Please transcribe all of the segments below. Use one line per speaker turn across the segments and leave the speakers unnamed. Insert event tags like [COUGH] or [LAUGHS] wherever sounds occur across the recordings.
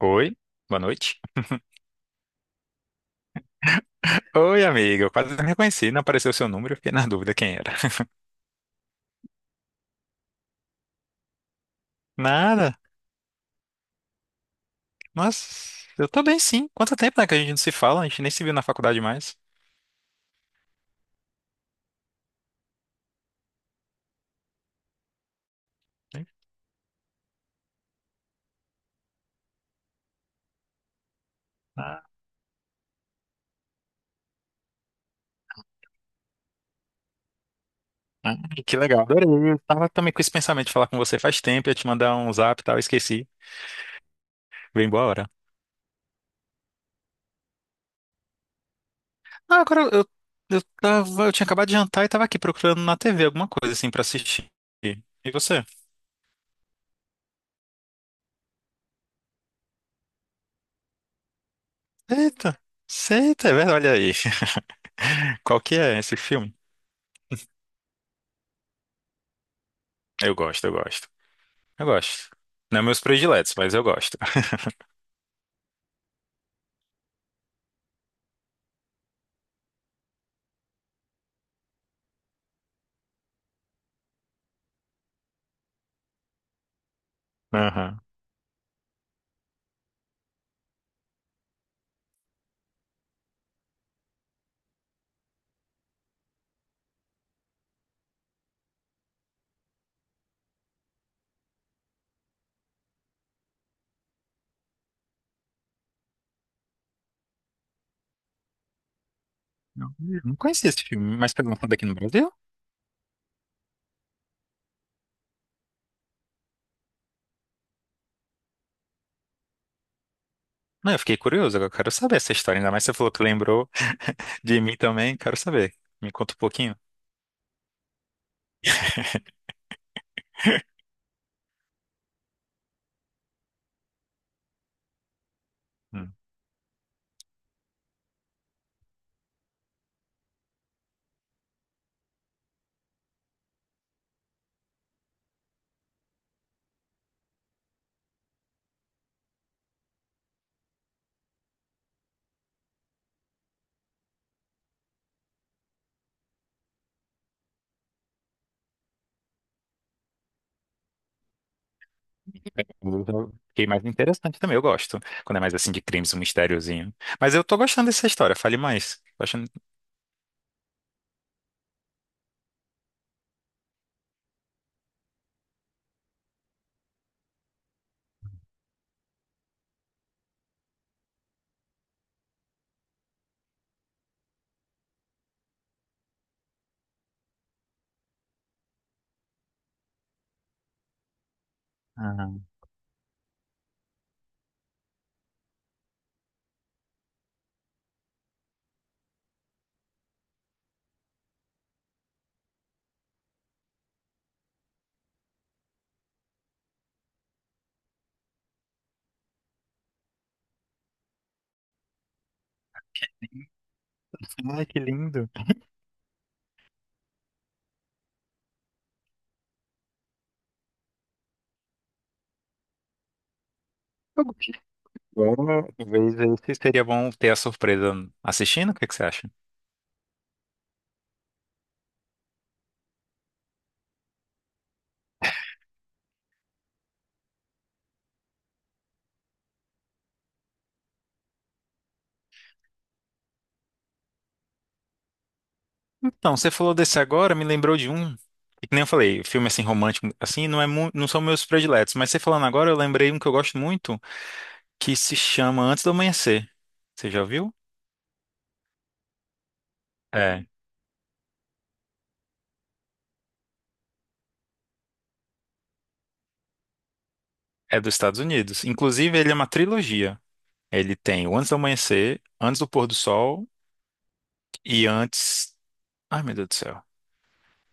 Oi, boa noite. Oi, amiga, eu quase não reconheci, não apareceu o seu número, eu fiquei na dúvida quem era. [LAUGHS] Nada, mas eu tô bem sim. Quanto tempo, né, que a gente não se fala, a gente nem se viu na faculdade mais. Ah, [LAUGHS] ah, que legal, adorei. Eu tava também com esse pensamento de falar com você faz tempo, ia te mandar um zap e tal, eu esqueci. Bem boa hora. Ah, eu tava, eu tinha acabado de jantar e tava aqui procurando na TV alguma coisa assim pra assistir. E você? Eita, eita, é verdade, olha aí. [LAUGHS] Qual que é esse filme? Eu gosto. Eu gosto. Não é meus prediletos, mas eu gosto. Aham. Não, eu não conhecia esse filme, mas foi lançado daqui no Brasil? Não, eu fiquei curioso, agora eu quero saber essa história. Ainda mais você falou que lembrou de mim também, quero saber. Me conta um pouquinho. Hum. Eu fiquei mais interessante também, eu gosto. Quando é mais assim de crimes, um mistériozinho. Mas eu tô gostando dessa história, fale mais. Tô achando... Ah. Ai, que lindo. Eu gostei. Agora, talvez esse seria bom ter a surpresa assistindo, o que que você acha? Então, você falou desse agora, me lembrou de um. E que nem eu falei, filme assim romântico, assim, não são meus prediletos, mas você falando agora, eu lembrei um que eu gosto muito, que se chama Antes do Amanhecer. Você já viu? É, é dos Estados Unidos. Inclusive, ele é uma trilogia. Ele tem o Antes do Amanhecer, Antes do Pôr do Sol e Antes. Ai, meu Deus do céu.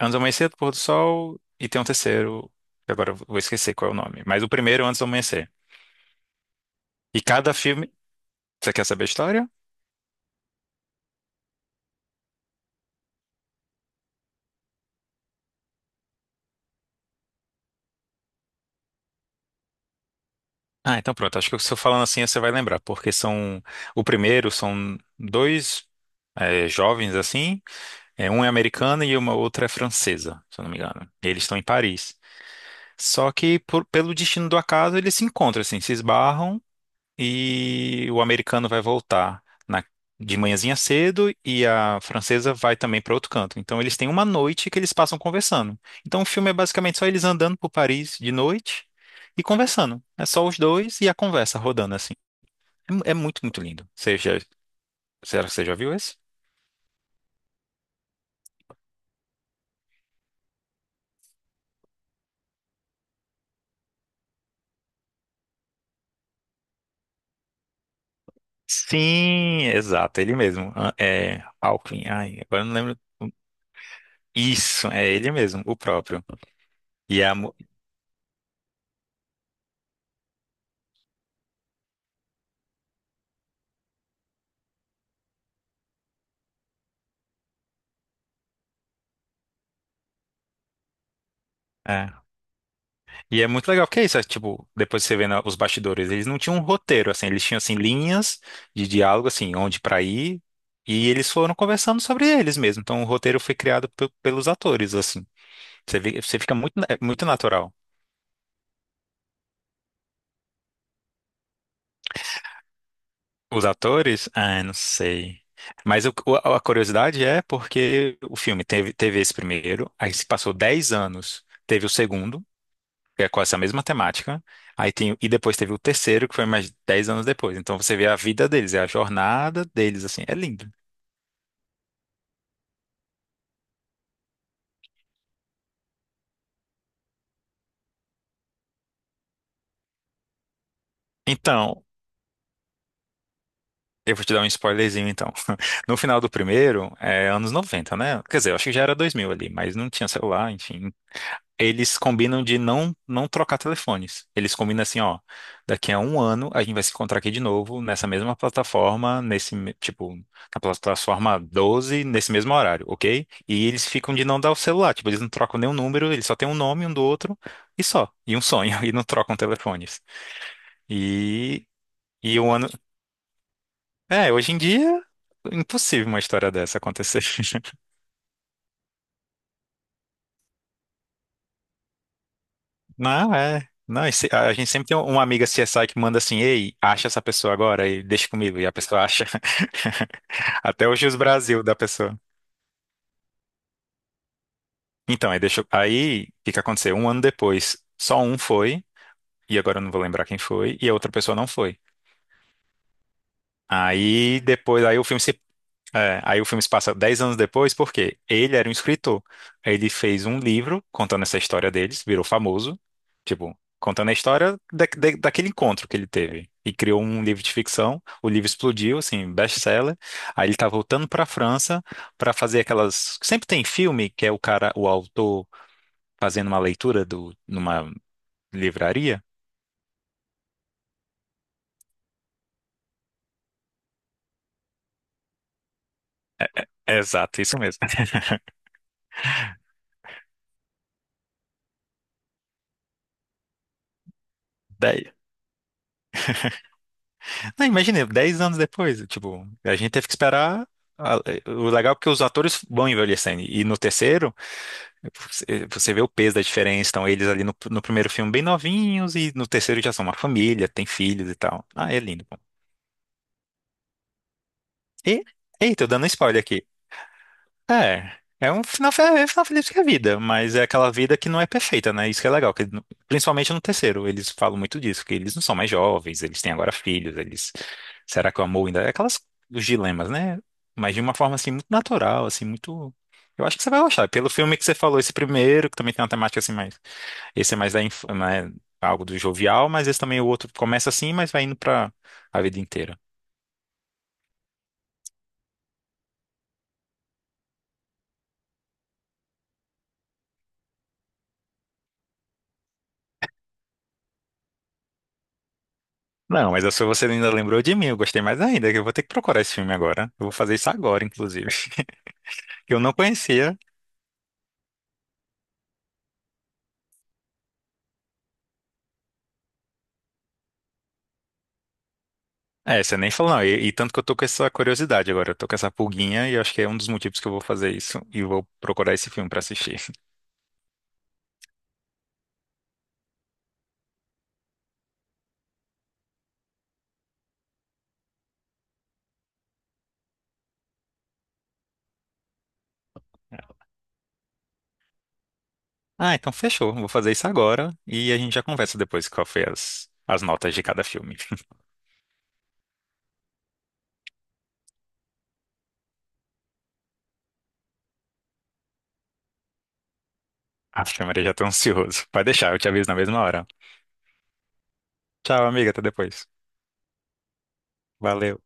Antes do Amanhecer, do Pôr do Sol e tem um terceiro, que agora eu vou esquecer qual é o nome, mas o primeiro é Antes do Amanhecer. E cada filme. Você quer saber a história? Ah, então pronto. Acho que se eu falando assim, você vai lembrar, porque são o primeiro são dois jovens assim, é americano e uma outra é francesa, se eu não me engano. Eles estão em Paris. Só que pelo destino do acaso eles se encontram assim, se esbarram e o americano vai voltar de manhãzinha cedo e a francesa vai também para outro canto. Então eles têm uma noite que eles passam conversando. Então o filme é basicamente só eles andando por Paris de noite e conversando. É só os dois e a conversa rodando assim. É muito, muito lindo. Será que você já viu esse? Sim, exato, ele mesmo. Ah, é Alckmin. Ai, agora eu não lembro. Isso, é ele mesmo, o próprio. E a, mu- E é muito legal, porque é isso, é, tipo, depois você vendo os bastidores, eles não tinham um roteiro, assim, eles tinham, assim, linhas de diálogo, assim, onde pra ir, e eles foram conversando sobre eles mesmo, então o roteiro foi criado pelos atores, assim, você fica muito, é muito natural. Os atores, ah, não sei, mas a curiosidade é porque o filme teve esse primeiro, aí se passou 10 anos, teve o segundo, que é com essa mesma temática. Aí tem, e depois teve o terceiro, que foi mais 10 anos depois. Então você vê a vida deles, é a jornada deles, assim, é lindo. Então, eu vou te dar um spoilerzinho, então. [LAUGHS] No final do primeiro, é anos 90, né? Quer dizer, eu acho que já era 2000 ali, mas não tinha celular, enfim, eles combinam de não trocar telefones. Eles combinam assim, ó, daqui a um ano a gente vai se encontrar aqui de novo nessa mesma plataforma, nesse me- tipo na plataforma 12 nesse mesmo horário, ok? E eles ficam de não dar o celular, tipo eles não trocam nenhum número, eles só têm um nome um do outro e um sonho [LAUGHS] e não trocam telefones. E e um ano, hoje em dia impossível uma história dessa acontecer. [LAUGHS] Não, é. Não, a gente sempre tem uma amiga CSI que manda assim, ei, acha essa pessoa agora e deixa comigo. E a pessoa acha. [LAUGHS] Até hoje os Brasil da pessoa. Então, aí o que que aconteceu? Um ano depois, só um foi, e agora eu não vou lembrar quem foi, e a outra pessoa não foi. Aí depois, aí o filme se É, aí o filme se passa 10 anos depois, porque ele era um escritor. Ele fez um livro contando essa história deles, virou famoso, tipo, contando a história daquele encontro que ele teve. E criou um livro de ficção, o livro explodiu, assim, best-seller. Aí ele tá voltando pra França pra fazer aquelas. Sempre tem filme que é o cara, o autor, fazendo uma leitura do, numa livraria. Exato, isso mesmo. [LAUGHS] Não, imagina, 10 anos depois, tipo, a gente teve que esperar. a- O legal é que os atores vão envelhecendo. E no terceiro, você vê o peso da diferença. Então, eles ali no primeiro filme bem novinhos, e no terceiro já são uma família, tem filhos e tal. Ah, é lindo. Pô. E, eita, eu dando spoiler aqui. É um final, é um final feliz que é a vida, mas é aquela vida que não é perfeita, né? Isso que é legal, que, principalmente no terceiro, eles falam muito disso, que eles não são mais jovens, eles têm agora filhos, eles... Será que o amor ainda... É aquelas, os dilemas, né? Mas de uma forma, assim, muito natural, assim, muito... Eu acho que você vai gostar, pelo filme que você falou, esse primeiro, que também tem uma temática, assim, mais... Esse é mais da inf... né? Algo do jovial, mas esse também, o outro começa assim, mas vai indo pra a vida inteira. Não, mas se você ainda lembrou de mim, eu gostei mais ainda, que eu vou ter que procurar esse filme agora. Eu vou fazer isso agora, inclusive. [LAUGHS] Que eu não conhecia. É, você nem falou, não. E tanto que eu tô com essa curiosidade agora, eu tô com essa pulguinha e eu acho que é um dos motivos que eu vou fazer isso e vou procurar esse filme pra assistir. [LAUGHS] Ah, então fechou. Vou fazer isso agora e a gente já conversa depois qual foi as, as notas de cada filme. [LAUGHS] Acho que a Maria já tá ansioso. Pode deixar, eu te aviso na mesma hora. Tchau, amiga, até depois. Valeu.